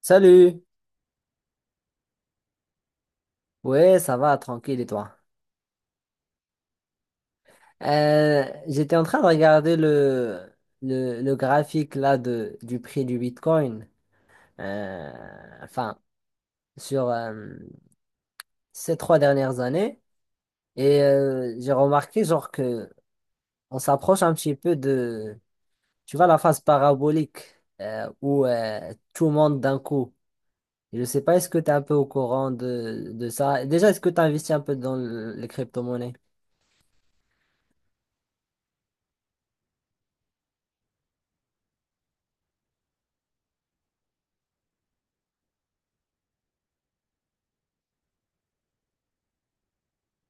Salut! Ouais, ça va, tranquille et toi? J'étais en train de regarder le graphique là du prix du Bitcoin, euh, enfin, sur ces trois dernières années, et j'ai remarqué genre que on s'approche un petit peu de, tu vois, la phase parabolique où tout monte d'un coup. Je ne sais pas, est-ce que tu es un peu au courant de ça? Déjà, est-ce que tu investis un peu dans les crypto-monnaies?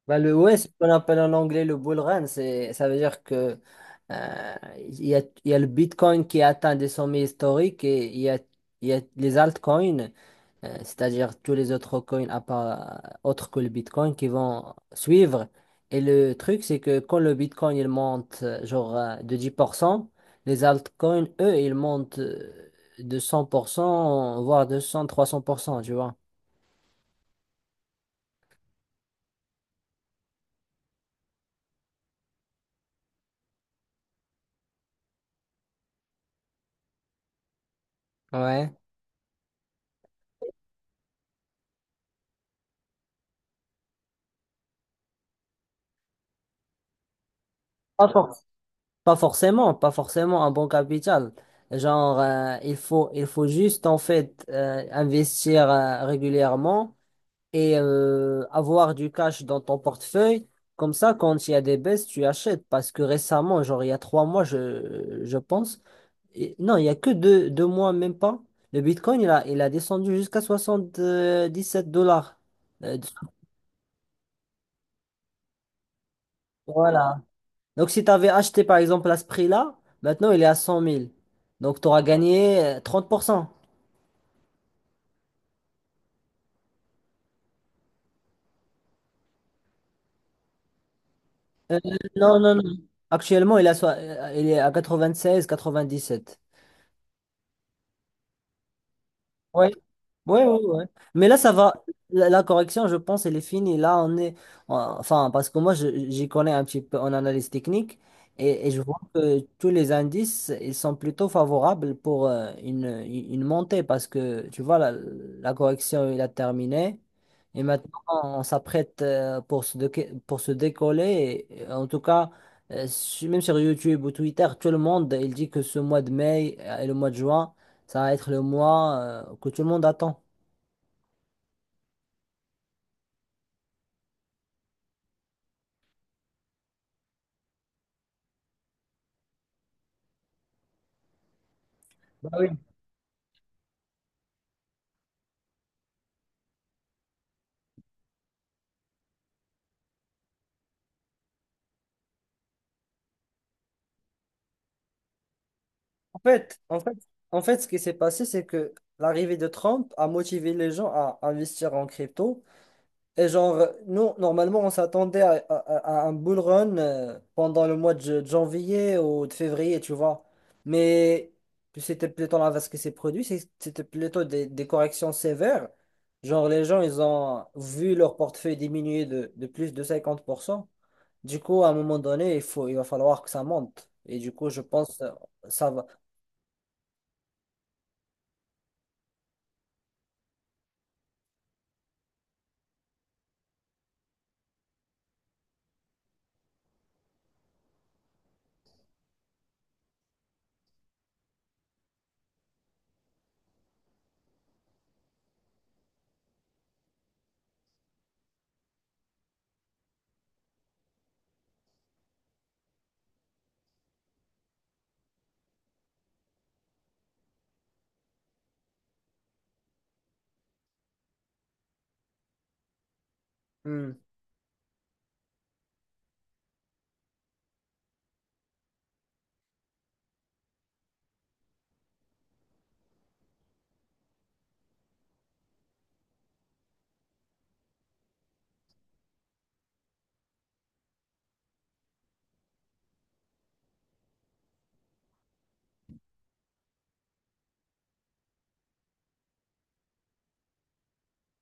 Bah, ouais, c'est ce qu'on appelle en anglais le bull run, ça veut dire que il y a le Bitcoin qui a atteint des sommets historiques et il y a les altcoins, c'est-à-dire tous les autres coins à part, autres que le Bitcoin qui vont suivre. Et le truc, c'est que quand le Bitcoin il monte genre de 10%, les altcoins, eux, ils montent de 100%, voire 200, 300%, tu vois. Ouais. Pas forcément, pas forcément un bon capital. Genre, il faut juste en fait investir régulièrement et avoir du cash dans ton portefeuille. Comme ça, quand il y a des baisses, tu achètes. Parce que récemment, genre il y a trois mois, je pense, non, il y a que deux mois, même pas. Le Bitcoin, il a descendu jusqu'à 77 dollars. Euh, voilà, Donc, si tu avais acheté par exemple à ce prix-là, maintenant il est à 100 000. Donc, tu auras gagné 30%. Euh, non, non, non. Actuellement, il est à 17. Oui, ouais, ouais, ouais. Mais là, ça va. La correction, je pense, elle est finie. Là, on est. Enfin, parce que moi, j'y connais un petit peu en analyse technique et je vois que tous les indices, ils sont plutôt favorables pour une montée parce que, tu vois, la correction, il a terminé. Et maintenant, on s'apprête pour se décoller. Et, en tout cas, même sur YouTube ou Twitter, tout le monde, il dit que ce mois de mai et le mois de juin, ça va être le mois que tout le monde attend. Ah oui. En fait, en fait, En fait, ce qui s'est passé, c'est que l'arrivée de Trump a motivé les gens à investir en crypto. Et genre, nous, normalement, on s'attendait à un bull run pendant le mois de janvier ou de février, tu vois. Mais c'était plutôt l'inverse ce qui s'est produit, c'était plutôt des corrections sévères. Genre, les gens, ils ont vu leur portefeuille diminuer de plus de 50%. Du coup, à un moment donné, il va falloir que ça monte. Et du coup, je pense, ça va. Hmm,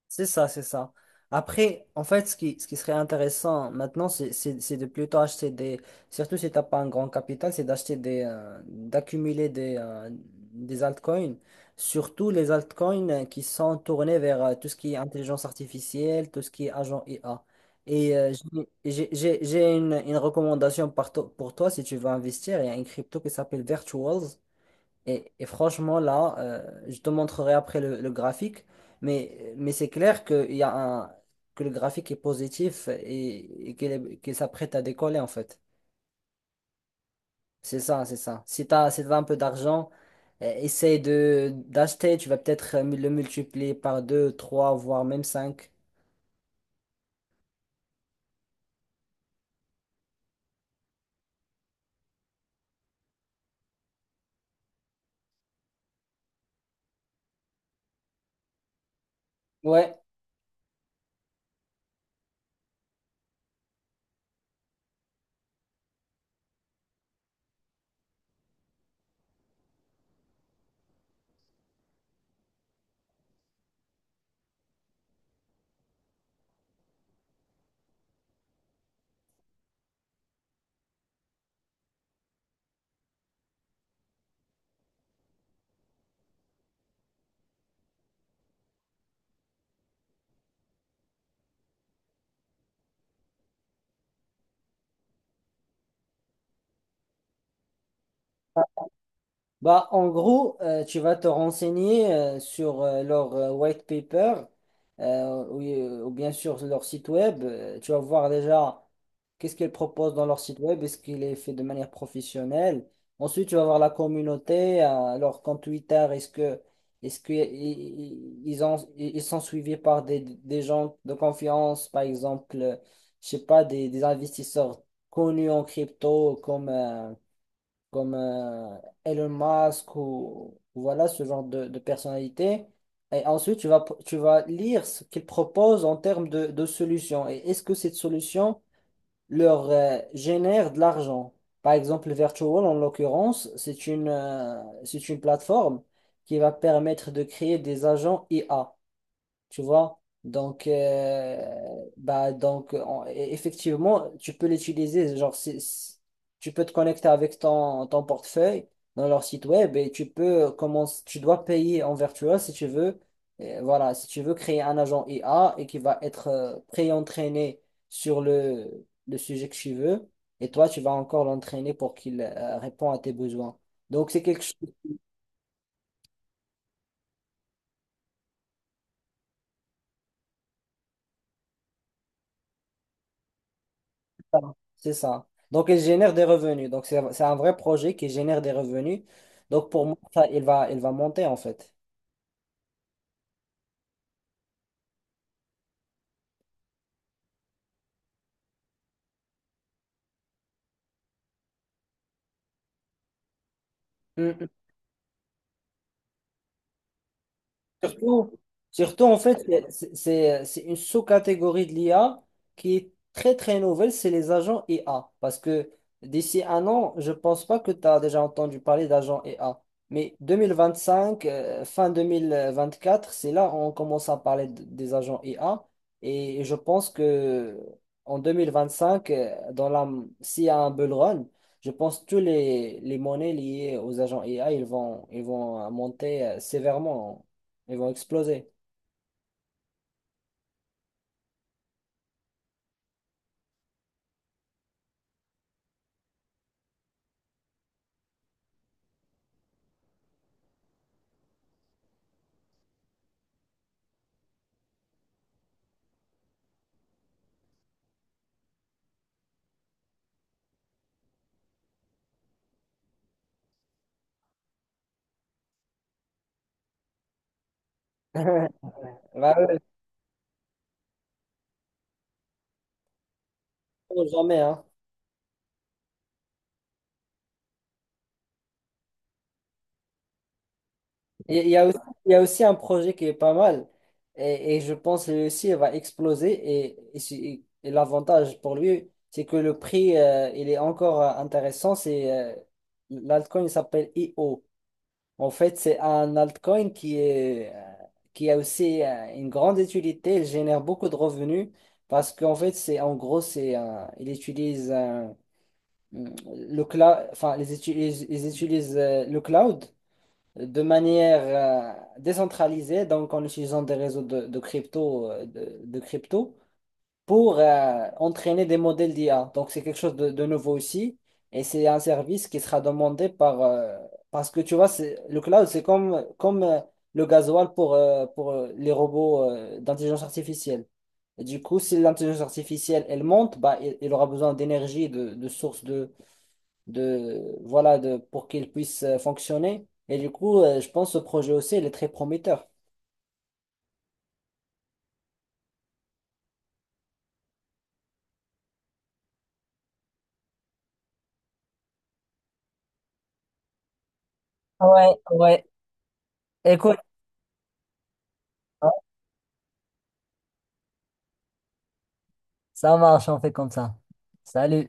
c'est ça, c'est ça. Après, en fait, ce qui serait intéressant maintenant, c'est de plutôt acheter des, surtout si t'as pas un grand capital, c'est d'acheter d'accumuler des altcoins, surtout les altcoins qui sont tournés vers tout ce qui est intelligence artificielle, tout ce qui est agent IA. Et j'ai une recommandation pour toi si tu veux investir. Il y a une crypto qui s'appelle Virtuals. Et franchement, là, je te montrerai après le graphique, mais c'est clair que, il y a un, que le graphique est positif et qu'il s'apprête à décoller, en fait. C'est ça, c'est ça. Si tu as, Si t'as un peu d'argent, essaye de d'acheter, tu vas peut-être le multiplier par 2, 3, voire même 5. Ouais. Bah, en gros, tu vas te renseigner sur leur white paper ou bien sur leur site web. Tu vas voir déjà qu'est-ce qu'ils proposent dans leur site web, est-ce qu'il est fait de manière professionnelle. Ensuite, tu vas voir la communauté, leur compte Twitter, est-ce que i- i- ils ont, i- ils sont suivis par des gens de confiance, par exemple, je sais pas, des investisseurs connus en crypto comme comme Elon Musk ou voilà ce genre de personnalité. Et ensuite, tu vas lire ce qu'ils proposent en termes de solutions. Et est-ce que cette solution leur génère de l'argent? Par exemple, Virtual, en l'occurrence, c'est une plateforme qui va permettre de créer des agents IA, tu vois. Donc, effectivement, tu peux l'utiliser. Genre, tu peux te connecter avec ton portefeuille dans leur site web et tu peux commencer, tu dois payer en virtuel si tu veux. Et voilà, si tu veux créer un agent IA et qui va être pré-entraîné sur le sujet que tu veux. Et toi, tu vas encore l'entraîner pour qu'il réponde à tes besoins. Donc, c'est quelque ça, C'est ça. Donc, il génère des revenus. Donc, c'est un vrai projet qui génère des revenus. Donc, pour moi, ça, il va monter en fait. Surtout, surtout, en fait, c'est une sous-catégorie de l'IA qui est très très nouvelle, c'est les agents IA. Parce que d'ici un an, je pense pas que tu as déjà entendu parler d'agents IA. Mais 2025, fin 2024, c'est là où on commence à parler des agents IA. Et je pense que en 2025, s'il y a un bull run, je pense que tous les monnaies liées aux agents IA, ils vont monter sévèrement. Ils vont exploser. Bah ouais. Jamais, hein. Il y a aussi, il y a aussi un projet qui est pas mal et je pense que lui aussi il va exploser et, si- et l'avantage pour lui, c'est que le prix, il est encore intéressant, c'est l'altcoin il s'appelle IO. En fait, c'est un altcoin qui a aussi une grande utilité, il génère beaucoup de revenus parce qu'en fait, c'est en gros, il utilise le cloud, enfin, ils utilisent le cloud de manière décentralisée, donc en utilisant des réseaux de crypto, pour entraîner des modèles d'IA. Donc, c'est quelque chose de nouveau aussi. Et c'est un service qui sera demandé parce que tu vois, le cloud, c'est comme, comme le gasoil pour les robots d'intelligence artificielle. Et du coup, si l'intelligence artificielle, elle monte, bah, il aura besoin d'énergie, de sources de voilà de pour qu'il puisse fonctionner. Et du coup, je pense que ce projet aussi, il est très prometteur. Ouais, ouais. Écoute, ça marche, on fait comme ça. Salut.